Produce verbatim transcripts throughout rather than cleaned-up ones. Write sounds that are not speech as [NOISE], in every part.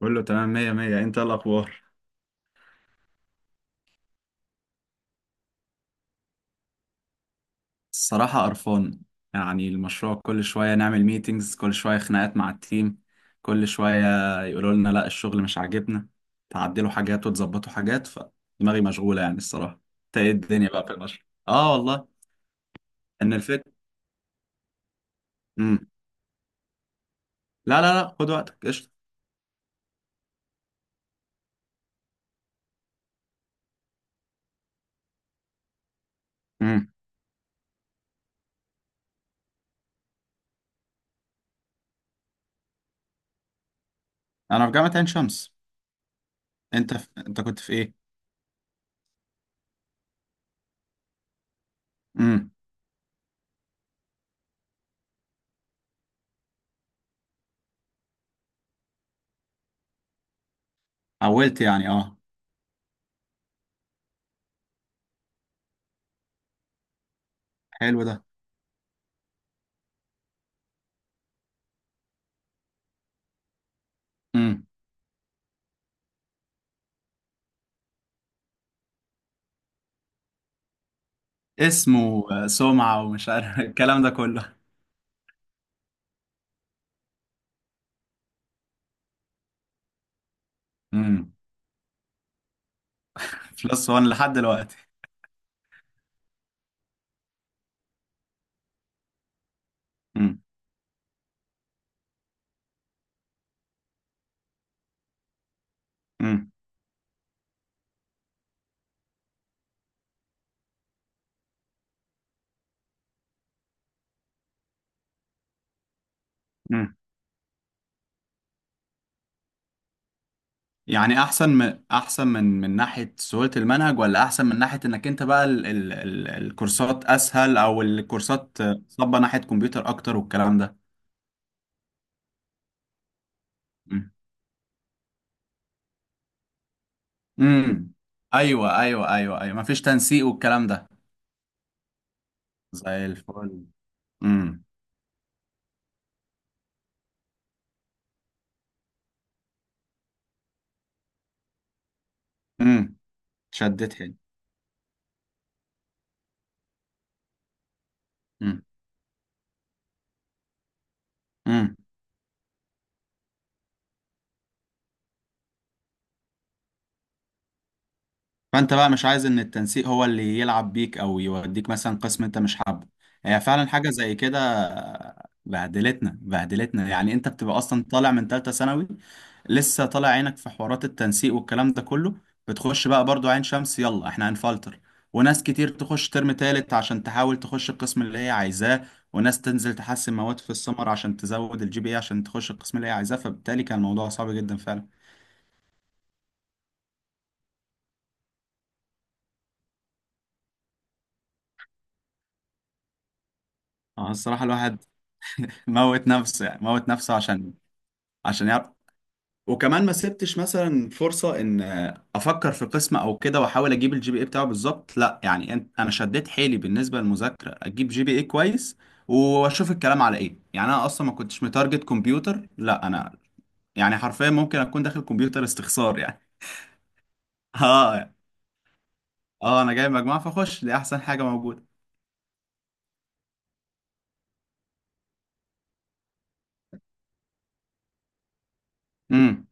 كله تمام، مية مية. انت ايه الاخبار؟ الصراحة قرفان. يعني المشروع كل شوية نعمل ميتينجز، كل شوية خناقات مع التيم، كل شوية يقولوا لنا لا الشغل مش عاجبنا، تعدلوا حاجات وتظبطوا حاجات، فدماغي مشغولة يعني الصراحة. انت ايه الدنيا بقى في المشروع؟ اه والله. ان الفكرة، امم لا لا لا خد وقتك، قشطة. امم انا في جامعة عين شمس. انت في... انت كنت في ايه؟ امم حولت يعني اه؟ حلو ده. امم اسمه آه، سمعة ومش عارف [LAUGHS] الكلام ده كله. بلس وان لحد دلوقتي. امم امم امم يعني احسن من، احسن من، من ناحيه سهوله المنهج، ولا احسن من ناحيه انك انت بقى ال ال ال الكورسات اسهل، او الكورسات صبه ناحيه كمبيوتر اكتر والكلام ده؟ امم امم ايوه ايوه ايوه ايوه، مفيش تنسيق والكلام ده. زي الفل. امم امم شدت حيل. فانت بقى مش عايز ان التنسيق هو اللي يلعب بيك او يوديك مثلا قسم انت مش حابه. هي فعلا حاجه زي كده. بهدلتنا بهدلتنا، يعني انت بتبقى اصلا طالع من ثالثه ثانوي، لسه طالع عينك في حوارات التنسيق والكلام ده كله. بتخش بقى برضو عين شمس، يلا احنا هنفلتر. وناس كتير تخش ترم تالت عشان تحاول تخش القسم اللي هي عايزاه. وناس تنزل تحسن مواد في السمر عشان تزود الجي بي اي عشان تخش القسم اللي هي عايزاه. فبالتالي كان الموضوع صعب جدا فعلا. اه الصراحه الواحد موت نفسه، يعني موت نفسه عشان، عشان يعرف. وكمان ما سبتش مثلا فرصة ان افكر في قسم او كده واحاول اجيب الجي بي اي بتاعه بالظبط. لا يعني أنت- انا شديت حيلي بالنسبة للمذاكرة اجيب جي بي اي كويس، واشوف الكلام على ايه. يعني انا اصلا ما كنتش متارجت كمبيوتر، لا انا يعني حرفيا ممكن اكون داخل كمبيوتر استخسار يعني. [LAUGHS] اه، اه انا جايب مجموعة فاخش دي احسن حاجة موجودة. امم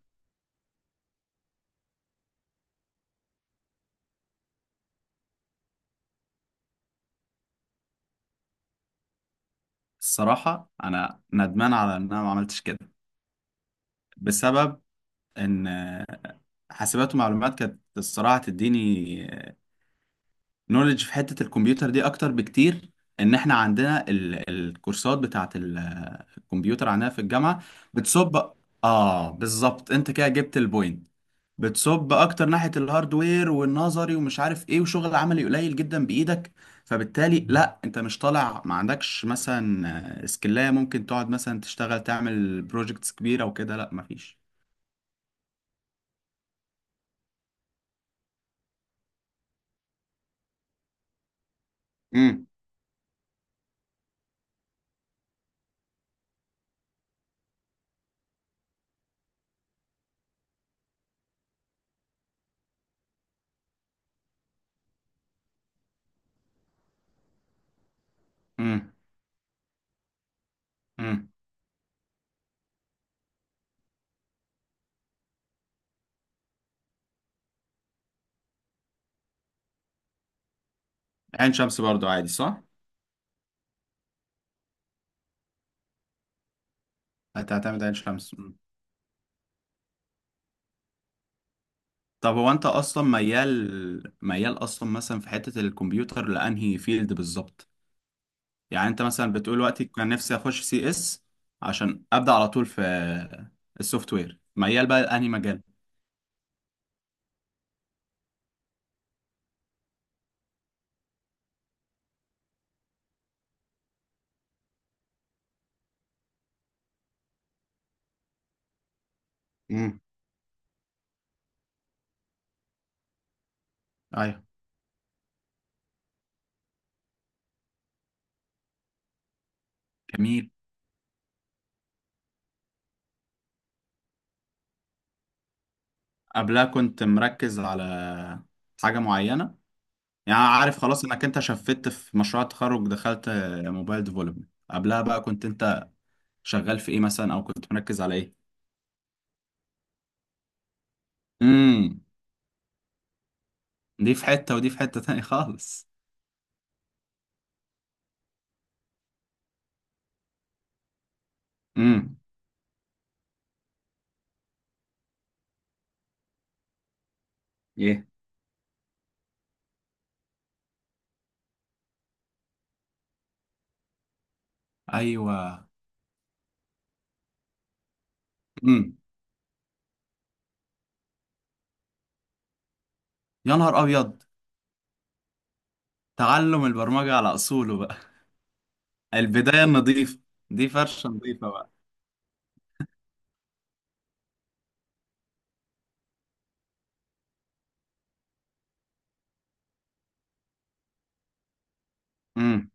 الصراحة انا ندمان على ان انا ما عملتش كده، بسبب ان حاسبات ومعلومات كانت الصراحة تديني نولج في حتة الكمبيوتر دي أكتر بكتير. إن إحنا عندنا ال... الكورسات بتاعة ال... الكمبيوتر عندنا في الجامعة بتصب. آه بالظبط، أنت كده جبت البوينت. بتصب أكتر ناحية الهاردوير والنظري ومش عارف إيه، وشغل عملي قليل جدا بإيدك. فبالتالي لا أنت مش طالع، ما عندكش مثلا سكلاية ممكن تقعد مثلا تشتغل تعمل بروجكتس كبيرة وكده، لا مفيش. امم امم امم عين شمس برضو عادي صح؟ هتعتمد عين شمس. طب هو انت اصلا ميال ميال اصلا مثلا في حتة الكمبيوتر لانهي فيلد بالظبط؟ يعني انت مثلا بتقول وقتي كان نفسي اخش سي اس، عشان ابدا على طول في السوفت وير، ميال بقى لانهي مجال. امم ايوه جميل. قبلها كنت مركز على حاجة معينة؟ يعني عارف خلاص انك انت شفت في مشروع التخرج دخلت موبايل ديفلوبمنت، قبلها بقى كنت انت شغال في ايه مثلا او كنت مركز على ايه؟ امم دي في حتة ودي في حتة تاني خالص. امم ايه. ايوه. امم يا نهار ابيض. تعلم البرمجه على اصوله بقى. البدايه النظيفه. دي فرشه نظيفه بقى. امم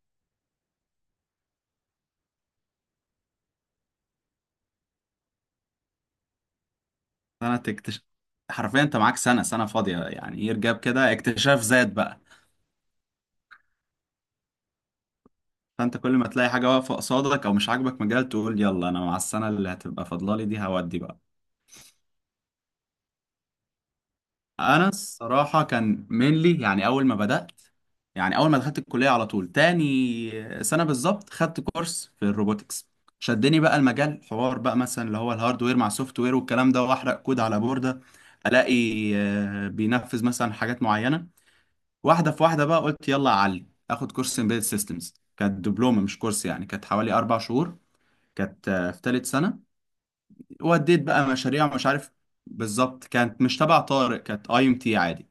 سنه اكتشاف. حرفيا انت معاك سنه سنه فاضيه، يعني ايه رجاب كده، اكتشاف ذات بقى. فانت كل ما تلاقي حاجه واقفه قصادك او مش عاجبك مجال تقول يلا انا مع السنه اللي هتبقى فاضله لي دي، هودي بقى. انا الصراحه كان مينلي يعني اول ما بدات، يعني اول ما دخلت الكليه على طول تاني سنه بالظبط، خدت كورس في الروبوتكس. شدني بقى المجال، حوار بقى مثلا اللي هو الهاردوير مع السوفت وير والكلام ده، واحرق كود على بورده، الاقي آه، بينفذ مثلا حاجات معينه. واحده في واحده بقى قلت يلا اعلي اخد كورس امبيدد سيستمز، كانت دبلومه مش كورس يعني، كانت حوالي اربع شهور، كانت آه، في ثالث سنه. وديت بقى مشاريع ومش عارف. بالظبط، كانت مش تبع طارق، كانت اي ام تي عادي.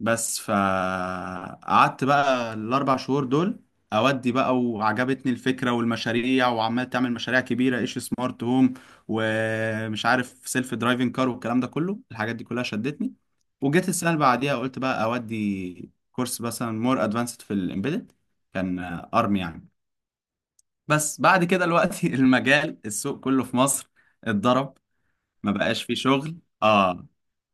بس فقعدت بقى الاربع شهور دول، اودي بقى. وعجبتني الفكره والمشاريع، وعمال تعمل مشاريع كبيره ايش سمارت هوم، ومش عارف سيلف درايفنج كار والكلام ده كله، الحاجات دي كلها شدتني. وجيت السنه اللي بعديها قلت بقى اودي كورس مثلا مور ادفانسد في الامبيدد، كان ارم يعني. بس بعد كده الوقت [LAUGHS] المجال، السوق كله في مصر اتضرب. ما بقاش في شغل، اه.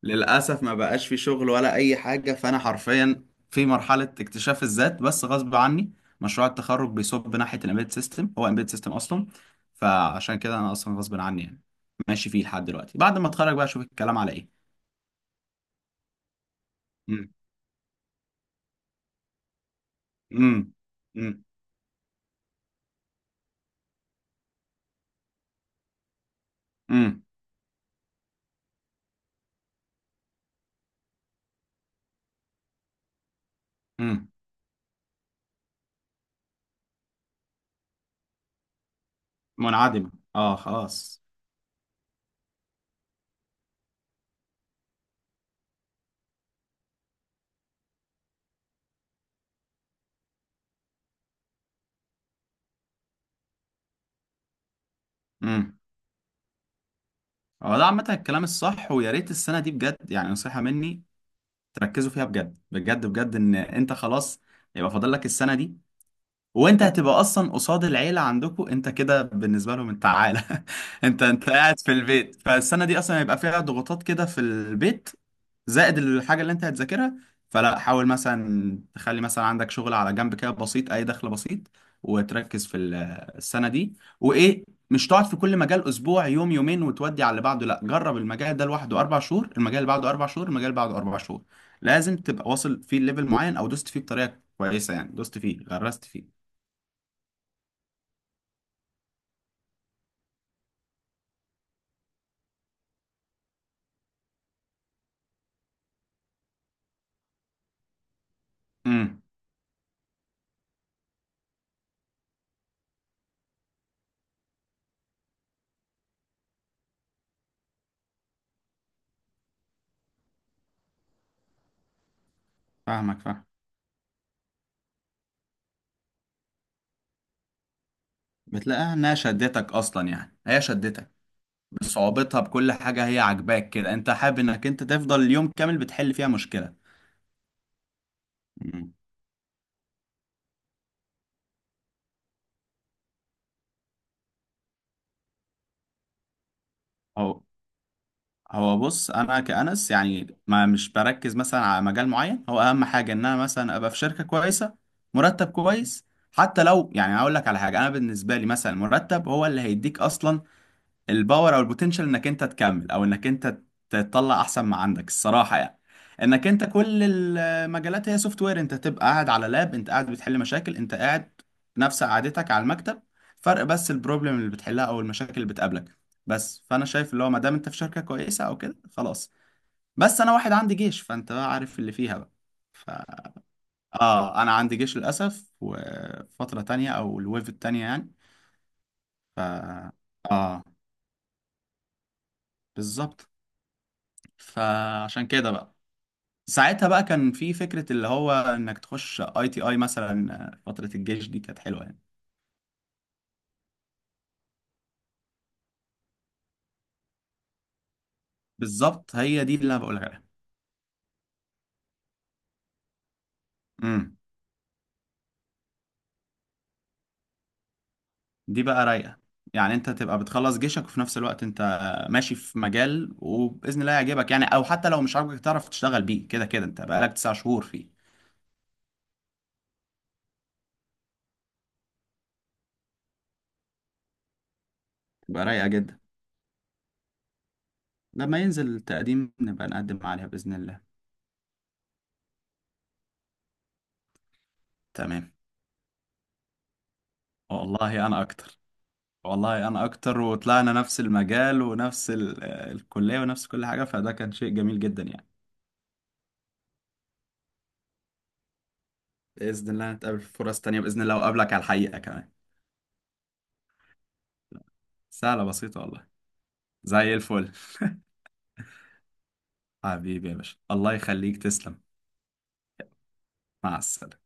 للأسف ما بقاش في شغل ولا أي حاجة. فأنا حرفيا في مرحلة اكتشاف الذات بس غصب عني. مشروع التخرج بيصب ناحية الامبيد سيستم، هو امبيد سيستم أصلا. فعشان كده أنا أصلا غصب عني يعني ماشي فيه لحد دلوقتي، بعد ما أتخرج بقى أشوف الكلام على إيه. مم. مم. مم. مم. مم. منعدمة. اه خلاص. مم. هو ده عامة الكلام الصح، ويا ريت السنة دي بجد يعني نصيحة مني تركزوا فيها بجد بجد بجد. ان انت خلاص يبقى فاضل لك السنه دي، وانت هتبقى اصلا قصاد العيله، عندكم انت كده بالنسبه لهم انت عاله، [LAUGHS] انت انت قاعد في البيت، فالسنه دي اصلا هيبقى فيها ضغوطات كده في البيت، زائد الحاجه اللي انت هتذاكرها. فلا، حاول مثلا تخلي مثلا عندك شغل على جنب كده بسيط، اي دخل بسيط، وتركز في ال- السنه دي. وايه، مش تقعد في كل مجال اسبوع يوم يومين وتودي على اللي بعده، لا جرب المجال ده لوحده اربع شهور، المجال اللي بعده اربع شهور، المجال اللي بعده اربع شهور. لازم تبقى واصل فيه ليفل معين، او دوست فيه بطريقه كويسه، يعني دوست فيه، غرست فيه. امم فاهمك فاهم. بتلاقيها انها شدتك اصلا، يعني هي شدتك بصعوبتها، بكل حاجه هي عاجباك كده، انت حابب انك انت تفضل اليوم كامل بتحل فيها مشكله. امم هو هو بص انا كأنس يعني، ما مش بركز مثلا على مجال معين، هو اهم حاجه ان انا مثلا ابقى في شركه كويسه، مرتب كويس. حتى لو يعني هقول لك على حاجه، انا بالنسبه لي مثلا المرتب هو اللي هيديك اصلا الباور او البوتنشال انك انت تكمل، او انك انت تطلع احسن ما عندك الصراحه يعني. انك انت كل المجالات هي سوفت وير، انت تبقى قاعد على لاب، انت قاعد بتحل مشاكل، انت قاعد نفس قعدتك على المكتب، فرق بس البروبلم اللي بتحلها او المشاكل اللي بتقابلك. بس فانا شايف اللي هو ما دام انت في شركه كويسه او كده، خلاص. بس انا واحد عندي جيش، فانت بقى عارف اللي فيها بقى. ف... اه انا عندي جيش للاسف وفتره تانية، او الويف التانية يعني. ف اه بالظبط. فعشان كده بقى، ساعتها بقى كان في فكرة اللي هو انك تخش اي تي اي مثلا، آه، فترة الجيش دي كانت حلوة يعني. بالظبط، هي دي اللي انا بقولك عليها. امم دي بقى رايقة. يعني انت تبقى بتخلص جيشك، وفي نفس الوقت انت ماشي في مجال وبإذن الله يعجبك يعني، او حتى لو مش عاجبك تعرف تشتغل بيه، كده كده انت بقالك تسع شهور فيه. تبقى رايقة جدا. لما ينزل التقديم نبقى نقدم عليها بإذن الله. تمام، والله انا اكتر. والله انا اكتر، وطلعنا نفس المجال ونفس ال- آه، الكلية ونفس كل حاجة، فده كان شيء جميل جدا يعني. بإذن الله نتقابل في فرص تانية بإذن الله، وأقابلك على الحقيقة كمان. سهلة بسيطة والله. زي الفل. [LAUGHS] حبيبي يا باشا، الله يخليك، تسلم. مع السلامة.